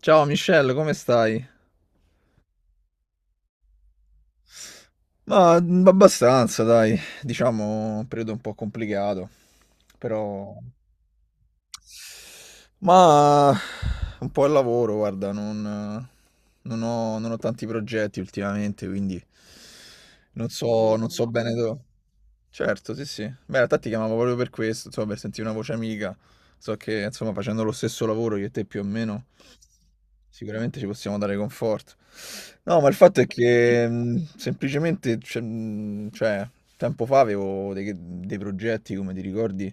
Ciao Michelle, come stai? Ma abbastanza, dai, diciamo un periodo un po' complicato, però... Ma un po' il lavoro, guarda, non ho, non ho tanti progetti ultimamente, quindi non so, non so bene dove... Certo, sì, sì. Beh, in realtà ti chiamavo proprio per questo, insomma, per sentire una voce amica. So che, insomma, facendo lo stesso lavoro io e te più o meno, sicuramente ci possiamo dare conforto. No, ma il fatto è che semplicemente, cioè, tempo fa avevo dei progetti, come ti ricordi,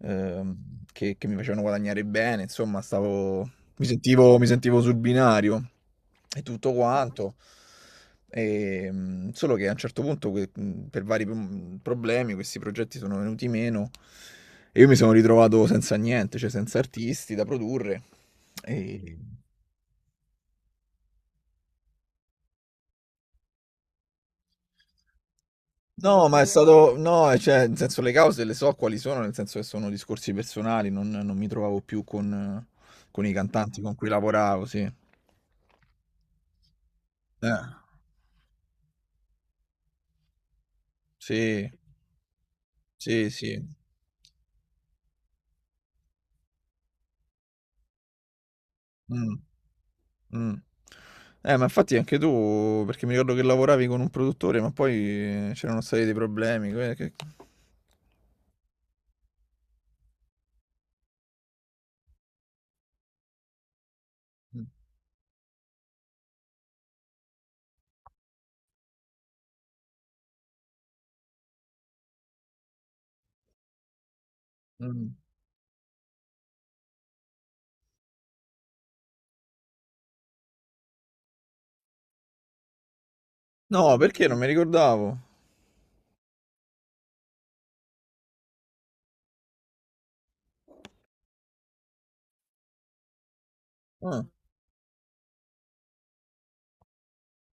ehm, che mi facevano guadagnare bene, insomma, stavo, mi sentivo sul binario e tutto quanto. Solo che a un certo punto, per vari problemi, questi progetti sono venuti meno e io mi sono ritrovato senza niente, cioè senza artisti da produrre. E- No, ma è stato, no, cioè, nel senso le cause le so quali sono, nel senso che sono discorsi personali, non mi trovavo più con i cantanti con cui lavoravo, sì. Eh, sì, sì, sì. Mm. Mh. Ma infatti anche tu, perché mi ricordo che lavoravi con un produttore, ma poi c'erano stati dei problemi, que che mh, mh. No, perché non mi ricordavo. Ah,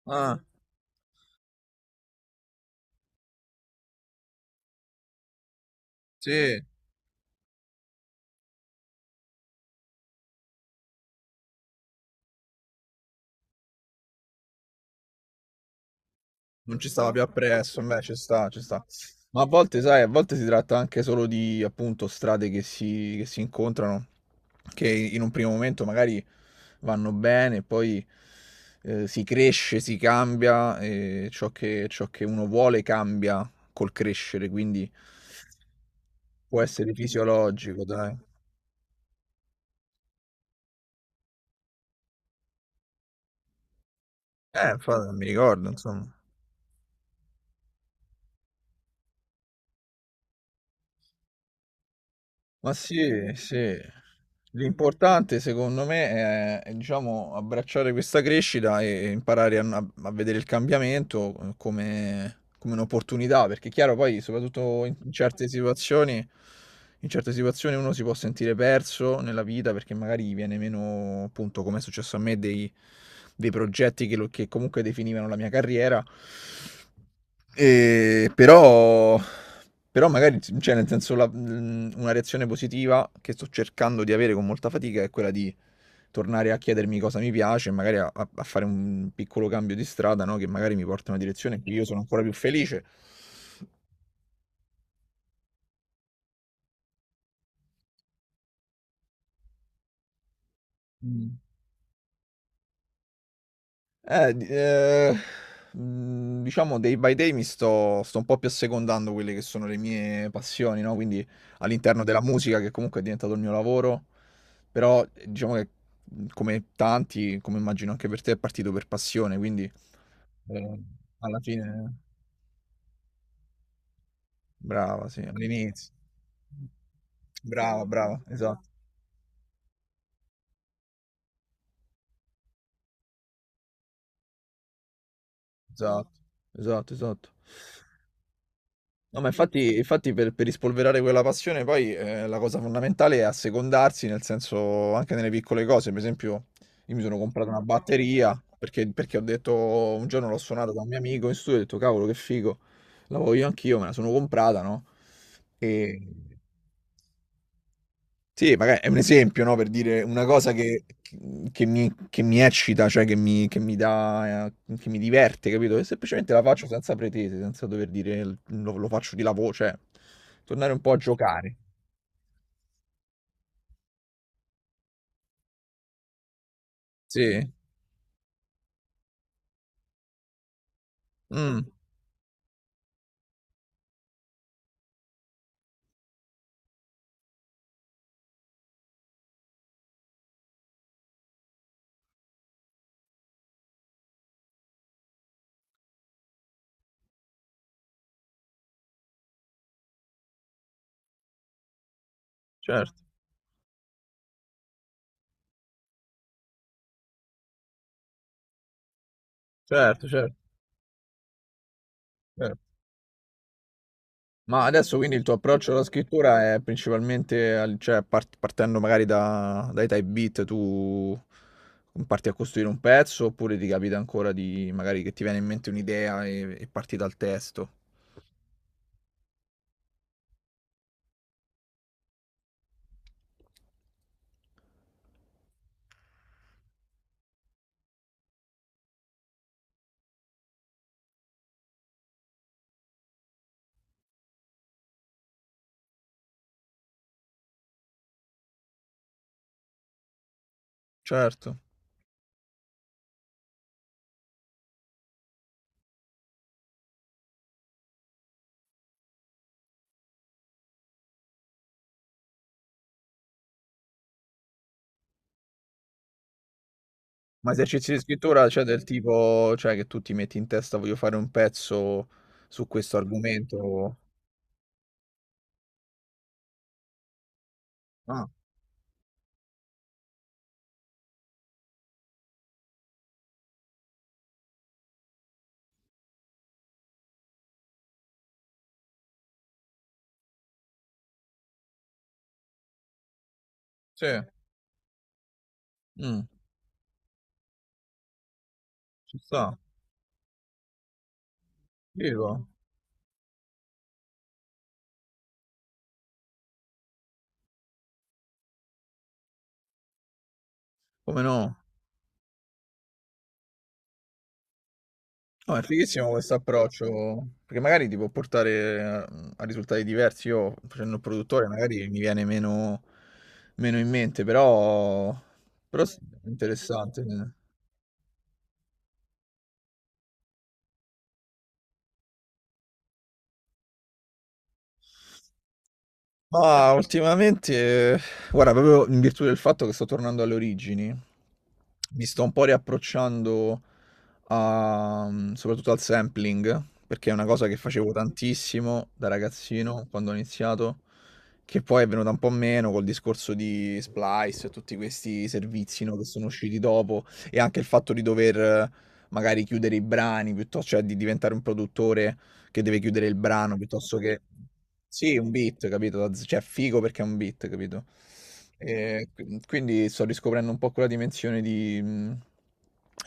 ah, sì. Non ci stava più appresso, beh, ci sta, ci sta. Ma a volte, sai, a volte si tratta anche solo di, appunto, strade che si incontrano, che in un primo momento magari vanno bene, poi si cresce, si cambia, e ciò che uno vuole cambia col crescere, quindi può essere fisiologico, dai. Infatti, non mi ricordo, insomma. Ma sì, sì. L'importante secondo me è, diciamo, abbracciare questa crescita e imparare a vedere il cambiamento come un'opportunità, perché è chiaro poi, soprattutto in certe situazioni uno si può sentire perso nella vita perché magari gli viene meno, appunto, come è successo a me, dei, dei progetti che, che comunque definivano la mia carriera. E però, però magari, cioè nel senso, una reazione positiva che sto cercando di avere con molta fatica è quella di tornare a chiedermi cosa mi piace e magari a fare un piccolo cambio di strada, no? Che magari mi porta in una direzione in cui io sono ancora più felice. Mm. Eh, di ehm, diciamo day by day mi sto un po' più assecondando quelle che sono le mie passioni, no, quindi all'interno della musica che comunque è diventato il mio lavoro, però, diciamo che, come tanti, come immagino anche per te, è partito per passione, quindi, ehm, alla fine brava, sì, all'iniz Brava, brava, esatto, esatto, esatto, esatto. No, ma infatti, infatti per rispolverare quella passione poi la cosa fondamentale è assecondarsi, nel senso anche nelle piccole cose. Per esempio, io mi sono comprato una batteria perché ho detto, un giorno l'ho suonata da un mio amico in studio e ho detto, cavolo, che figo, la voglio anch'io, me la sono comprata, no? E, sì, magari è un esempio, no, per dire una cosa che mi eccita, che mi dà, che mi diverte, capito? E semplicemente la faccio senza pretese, senza dover dire lo faccio di lavoro, cioè tornare un po' a giocare. Sì, mm, certo, certo, certo. Certo. Ma adesso quindi il tuo approccio alla scrittura è principalmente, cioè partendo magari dai type beat, tu parti a costruire un pezzo oppure ti capita ancora di magari che ti viene in mente un'idea e parti dal testo? Certo. Ma esercizi di scrittura, cioè del tipo, cioè che tu ti metti in testa voglio fare un pezzo su questo argomento. Ah, sì. Mm, ci sta. Vivo. Come no? No, è fighissimo questo approccio, perché magari ti può portare a risultati diversi. Io facendo il produttore magari mi viene meno, meno in mente, però, però sì, è interessante. Ma ultimamente, guarda, proprio in virtù del fatto che sto tornando alle origini, mi sto un po' riapprocciando. Soprattutto al sampling, perché è una cosa che facevo tantissimo da ragazzino quando ho iniziato, che poi è venuta un po' meno col discorso di Splice e tutti questi servizi, no, che sono usciti dopo, e anche il fatto di dover magari chiudere i brani piuttosto cioè di diventare un produttore che deve chiudere il brano piuttosto che... Sì, un beat, capito? Cioè, figo perché è un beat, capito? E quindi sto riscoprendo un po' quella dimensione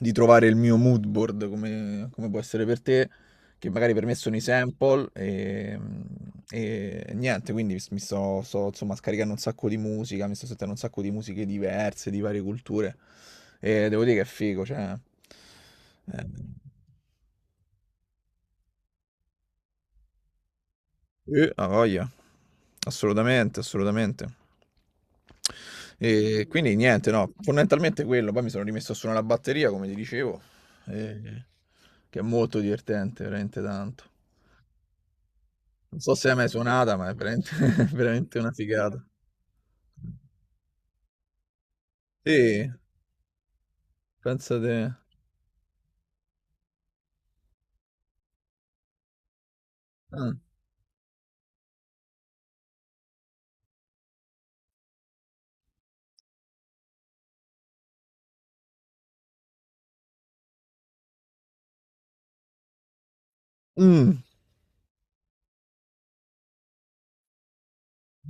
di trovare il mio mood board, come può essere per te, che magari per me sono i sample e niente, quindi mi sto, insomma, scaricando un sacco di musica, mi sto sentendo un sacco di musiche diverse, di varie culture, e devo dire che è figo, cioè... eh. Ha voglia. Assolutamente, assolutamente. E quindi niente, no, fondamentalmente quello. Poi mi sono rimesso a suonare la batteria, come ti dicevo, eh, che è molto divertente, veramente tanto. Non so se hai mai suonata, ma è veramente, veramente una figata. Sì, pensa te. Ah. Mm.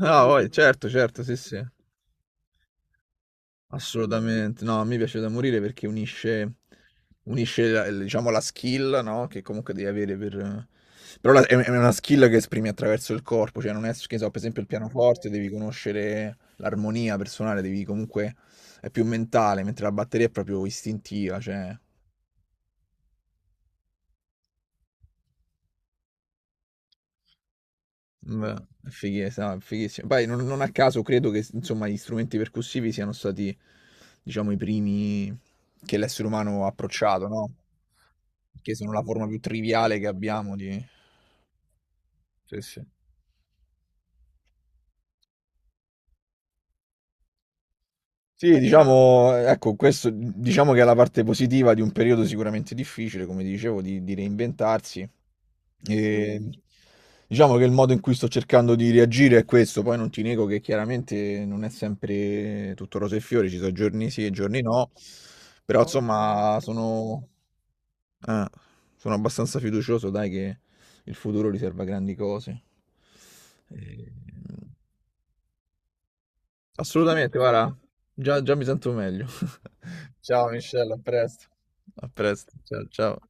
Ah, poi, certo, certo, sì, sì. Assolutamente. No, a me piace da morire perché unisce, unisce la, diciamo, la skill, no? Che comunque devi avere per... Però è una skill che esprimi attraverso il corpo, cioè non è, che so, per esempio il pianoforte, devi conoscere l'armonia personale, devi comunque... è più mentale, mentre la batteria è proprio istintiva, cioè... Beh, è fighissimo, no, è fighissimo. Poi non a caso credo che insomma gli strumenti percussivi siano stati, diciamo, i primi che l'essere umano ha approcciato, no? Perché sono la forma più triviale che abbiamo di... Sì, sì. Sì, diciamo, ecco, questo diciamo che è la parte positiva di un periodo sicuramente difficile, come dicevo, di reinventarsi. E diciamo che il modo in cui sto cercando di reagire è questo, poi non ti nego che chiaramente non è sempre tutto rose e fiori, ci sono giorni sì e giorni no, però insomma sono, eh, sono abbastanza fiducioso, dai, che il futuro riserva grandi cose. E- Assolutamente, guarda, già, già mi sento meglio. Ciao Michelle, a presto. A presto, ciao ciao.